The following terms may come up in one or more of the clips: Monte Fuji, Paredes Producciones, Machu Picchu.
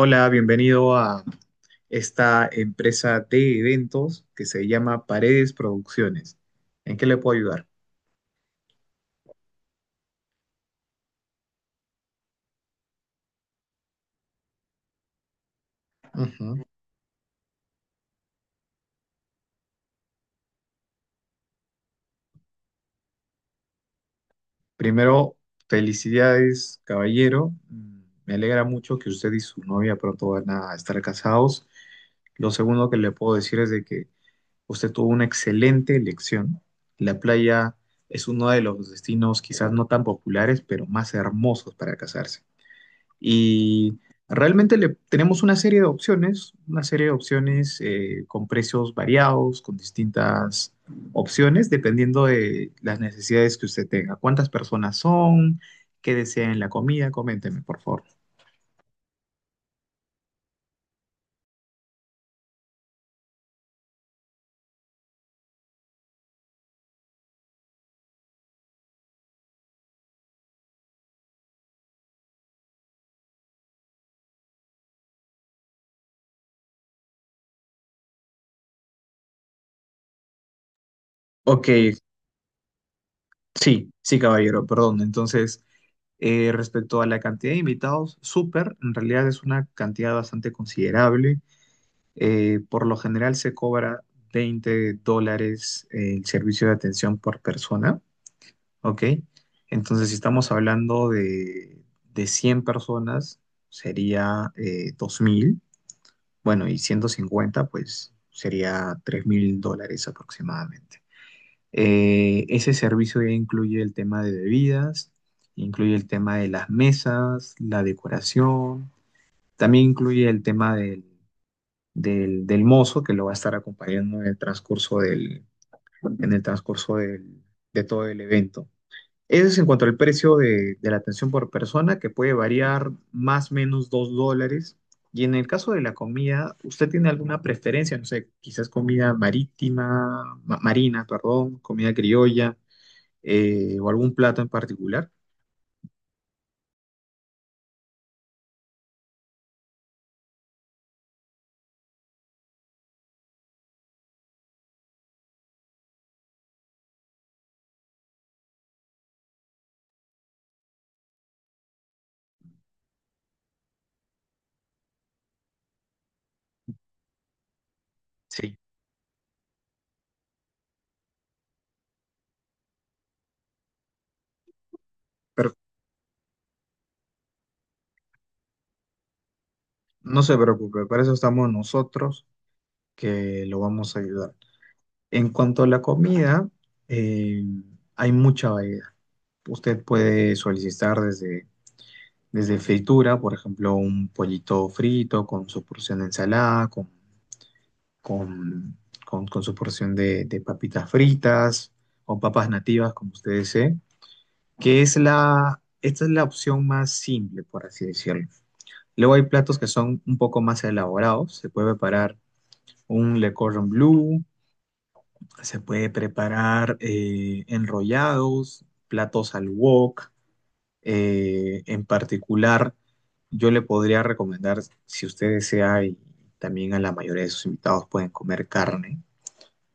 Hola, bienvenido a esta empresa de eventos que se llama Paredes Producciones. ¿En qué le puedo ayudar? Ujú. Primero, felicidades, caballero. Me alegra mucho que usted y su novia pronto van a estar casados. Lo segundo que le puedo decir es de que usted tuvo una excelente elección. La playa es uno de los destinos quizás no tan populares, pero más hermosos para casarse. Y realmente tenemos una serie de opciones, con precios variados, con distintas opciones, dependiendo de las necesidades que usted tenga. ¿Cuántas personas son? ¿Qué desean en la comida? Coménteme, por favor. Ok, sí, sí, caballero, perdón. Entonces, respecto a la cantidad de invitados, súper, en realidad es una cantidad bastante considerable. Por lo general se cobra $20 el servicio de atención por persona. ¿Ok? Entonces, si estamos hablando de 100 personas, sería 2,000, bueno, y 150 pues sería $3,000 aproximadamente. Ese servicio ya incluye el tema de bebidas, incluye el tema de las mesas, la decoración, también incluye el tema del mozo que lo va a estar acompañando en el transcurso en el transcurso del, de todo el evento. Eso es en cuanto al precio de la atención por persona, que puede variar más o menos $2. Y en el caso de la comida, ¿usted tiene alguna preferencia? No sé, quizás comida marítima, marina, perdón, comida criolla, o algún plato en particular. Sí, pero no se preocupe, para eso estamos nosotros que lo vamos a ayudar. En cuanto a la comida, eh, hay mucha variedad. Usted puede solicitar desde fritura, por ejemplo, un pollito frito con su porción de ensalada, con, con su porción de papitas fritas o papas nativas, como usted desee, que es esta es la opción más simple, por así decirlo. Luego hay platos que son un poco más elaborados. Se puede preparar un le cordon bleu, se puede preparar enrollados, platos al wok. En particular, yo le podría recomendar, si usted desea, y también a la mayoría de sus invitados pueden comer carne,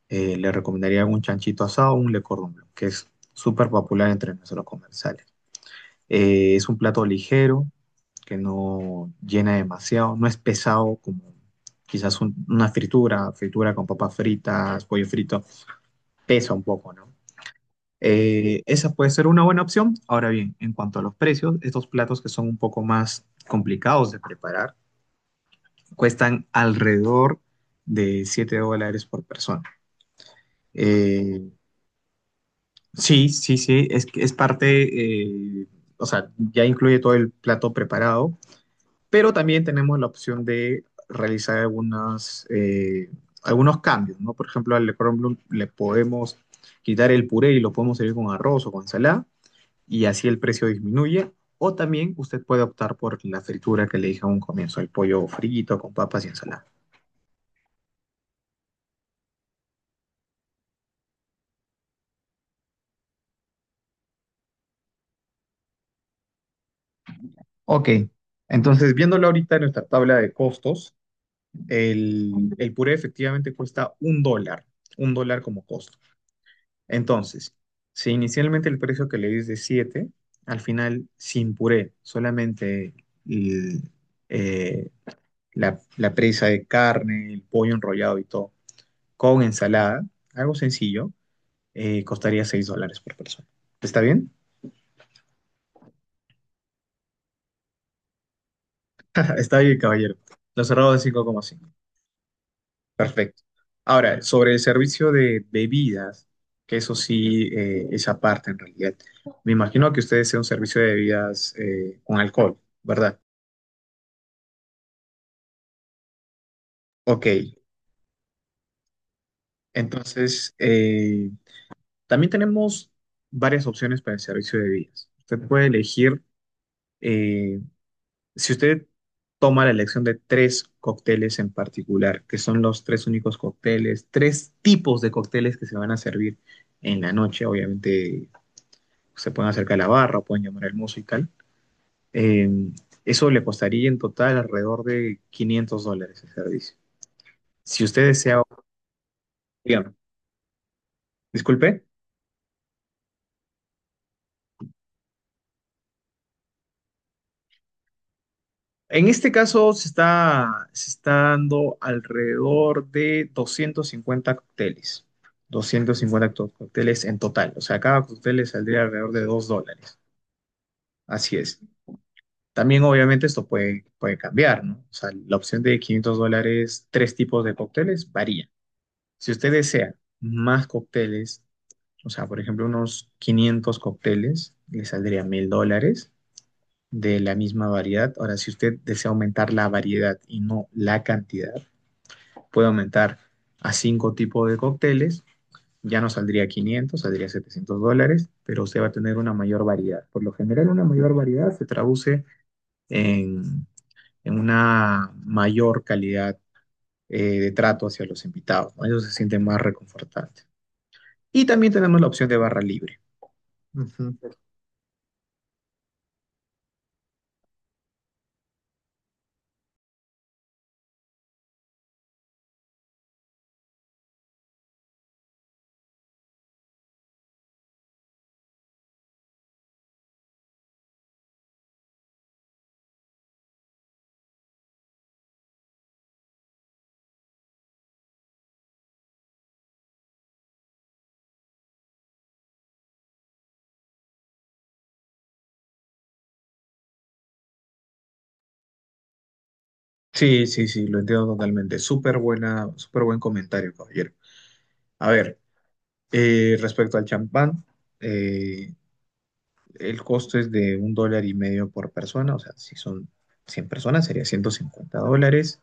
le recomendaría un chanchito asado o un le cordon bleu, que es súper popular entre nuestros comensales. Es un plato ligero, que no llena demasiado, no es pesado como quizás una fritura con papas fritas, pollo frito, pesa un poco, ¿no? Esa puede ser una buena opción. Ahora bien, en cuanto a los precios, estos platos que son un poco más complicados de preparar cuestan alrededor de $7 por persona. Eh, sí, sí, sí, es parte, o sea, ya incluye todo el plato preparado, pero también tenemos la opción de realizar algunos cambios, ¿no? Por ejemplo, al Le Cordon Bleu le podemos quitar el puré y lo podemos servir con arroz o con ensalada y así el precio disminuye. O también usted puede optar por la fritura que le dije a un comienzo, el pollo frito con papas y ensalada. Ok, entonces viéndolo ahorita en nuestra tabla de costos, el puré efectivamente cuesta $1, $1 como costo. Entonces, si inicialmente el precio que le di es de 7 al final sin puré, solamente el, eh, la presa de carne, el pollo enrollado y todo, con ensalada, algo sencillo, costaría $6 por persona. ¿Está bien? Está bien, caballero. Lo cerrado de 5,5. Perfecto. Ahora, sobre el servicio de bebidas, que eso sí es aparte en realidad. Me imagino que ustedes sea un servicio de bebidas con alcohol, ¿verdad? Ok. Entonces, también tenemos varias opciones para el servicio de bebidas. Usted puede elegir eh, Si usted toma la elección de tres cócteles en particular, que son los tres únicos cócteles, tres tipos de cócteles que se van a servir en la noche, obviamente se pueden acercar a la barra, pueden llamar al músico y tal, eh, eso le costaría en total alrededor de $500 el servicio. Si usted desea, digamos, disculpe. En este caso se está dando alrededor de 250 cócteles. 250 cócteles en total. O sea, cada cóctel le saldría alrededor de $2. Así es. También obviamente esto puede cambiar, ¿no? O sea, la opción de $500, tres tipos de cócteles, varía. Si usted desea más cócteles, o sea, por ejemplo, unos 500 cócteles, le saldría $1,000 de la misma variedad. Ahora, si usted desea aumentar la variedad y no la cantidad, puede aumentar a cinco tipos de cócteles. Ya no saldría 500, saldría $700, pero usted va a tener una mayor variedad. Por lo general, una mayor variedad se traduce en, en una mayor calidad de trato hacia los invitados. ¿No? Ellos se sienten más reconfortantes. Y también tenemos la opción de barra libre. Ujú. Sí, sí, sí, lo entiendo totalmente. Súper buen comentario, caballero. A ver, respecto al champán, eh, el costo es de $1.50 por persona, o sea, si son 100 personas sería $150.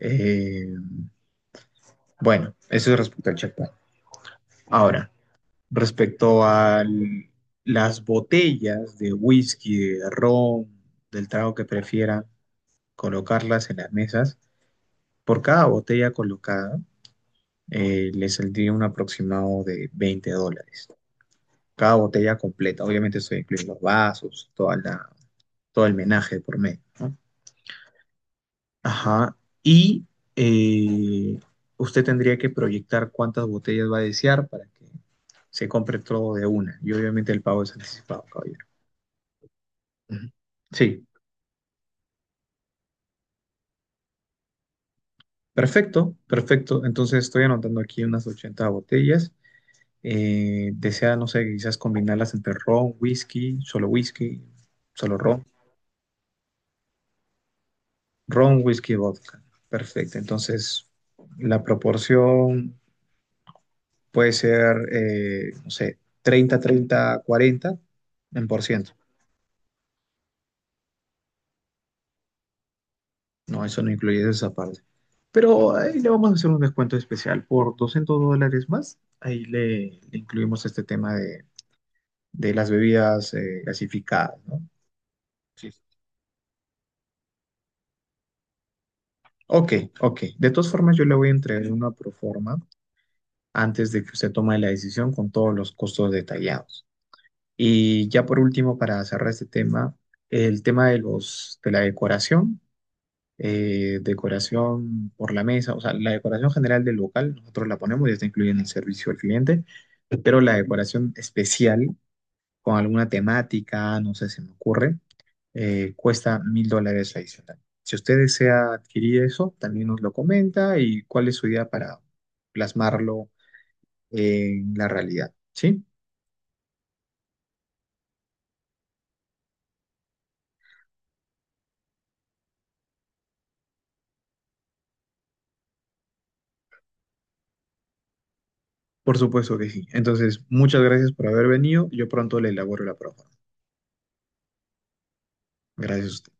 Eh, bueno, eso es respecto al champán. Ahora, respecto a las botellas de whisky, de ron, del trago que prefieran, colocarlas en las mesas, por cada botella colocada le saldría un aproximado de $20. Cada botella completa. Obviamente eso incluye los vasos, todo el menaje por medio, ¿no? Ajá. Y eh, usted tendría que proyectar cuántas botellas va a desear para que se compre todo de una. Y obviamente el pago es anticipado, caballero. Ujú. Sí, perfecto, perfecto. Entonces estoy anotando aquí unas 80 botellas. Desea, no sé, quizás combinarlas entre ron, whisky, solo ron, Ron, whisky, vodka. Perfecto. Entonces, la proporción puede ser, no sé, 30 30 40 en por ciento. No, eso no incluye esa parte. Pero ahí le vamos a hacer un descuento especial por $200 más. Ahí le incluimos este tema de las bebidas gasificadas, ¿no? Sí. Ok, ok. De todas formas, yo le voy a entregar una proforma antes de que usted tome la decisión con todos los costos detallados. Y ya por último, para cerrar este tema, el tema de la decoración, decoración por la mesa, o sea, la decoración general del local, nosotros la ponemos, ya está incluida en el servicio al cliente, pero la decoración especial con alguna temática, no sé, se me ocurre, cuesta $1,000 adicional. Si usted desea adquirir eso, también nos lo comenta y cuál es su idea para plasmarlo en la realidad, ¿sí? Por supuesto que sí. Entonces, muchas gracias por haber venido. Yo pronto le elaboro la propuesta. Gracias a usted.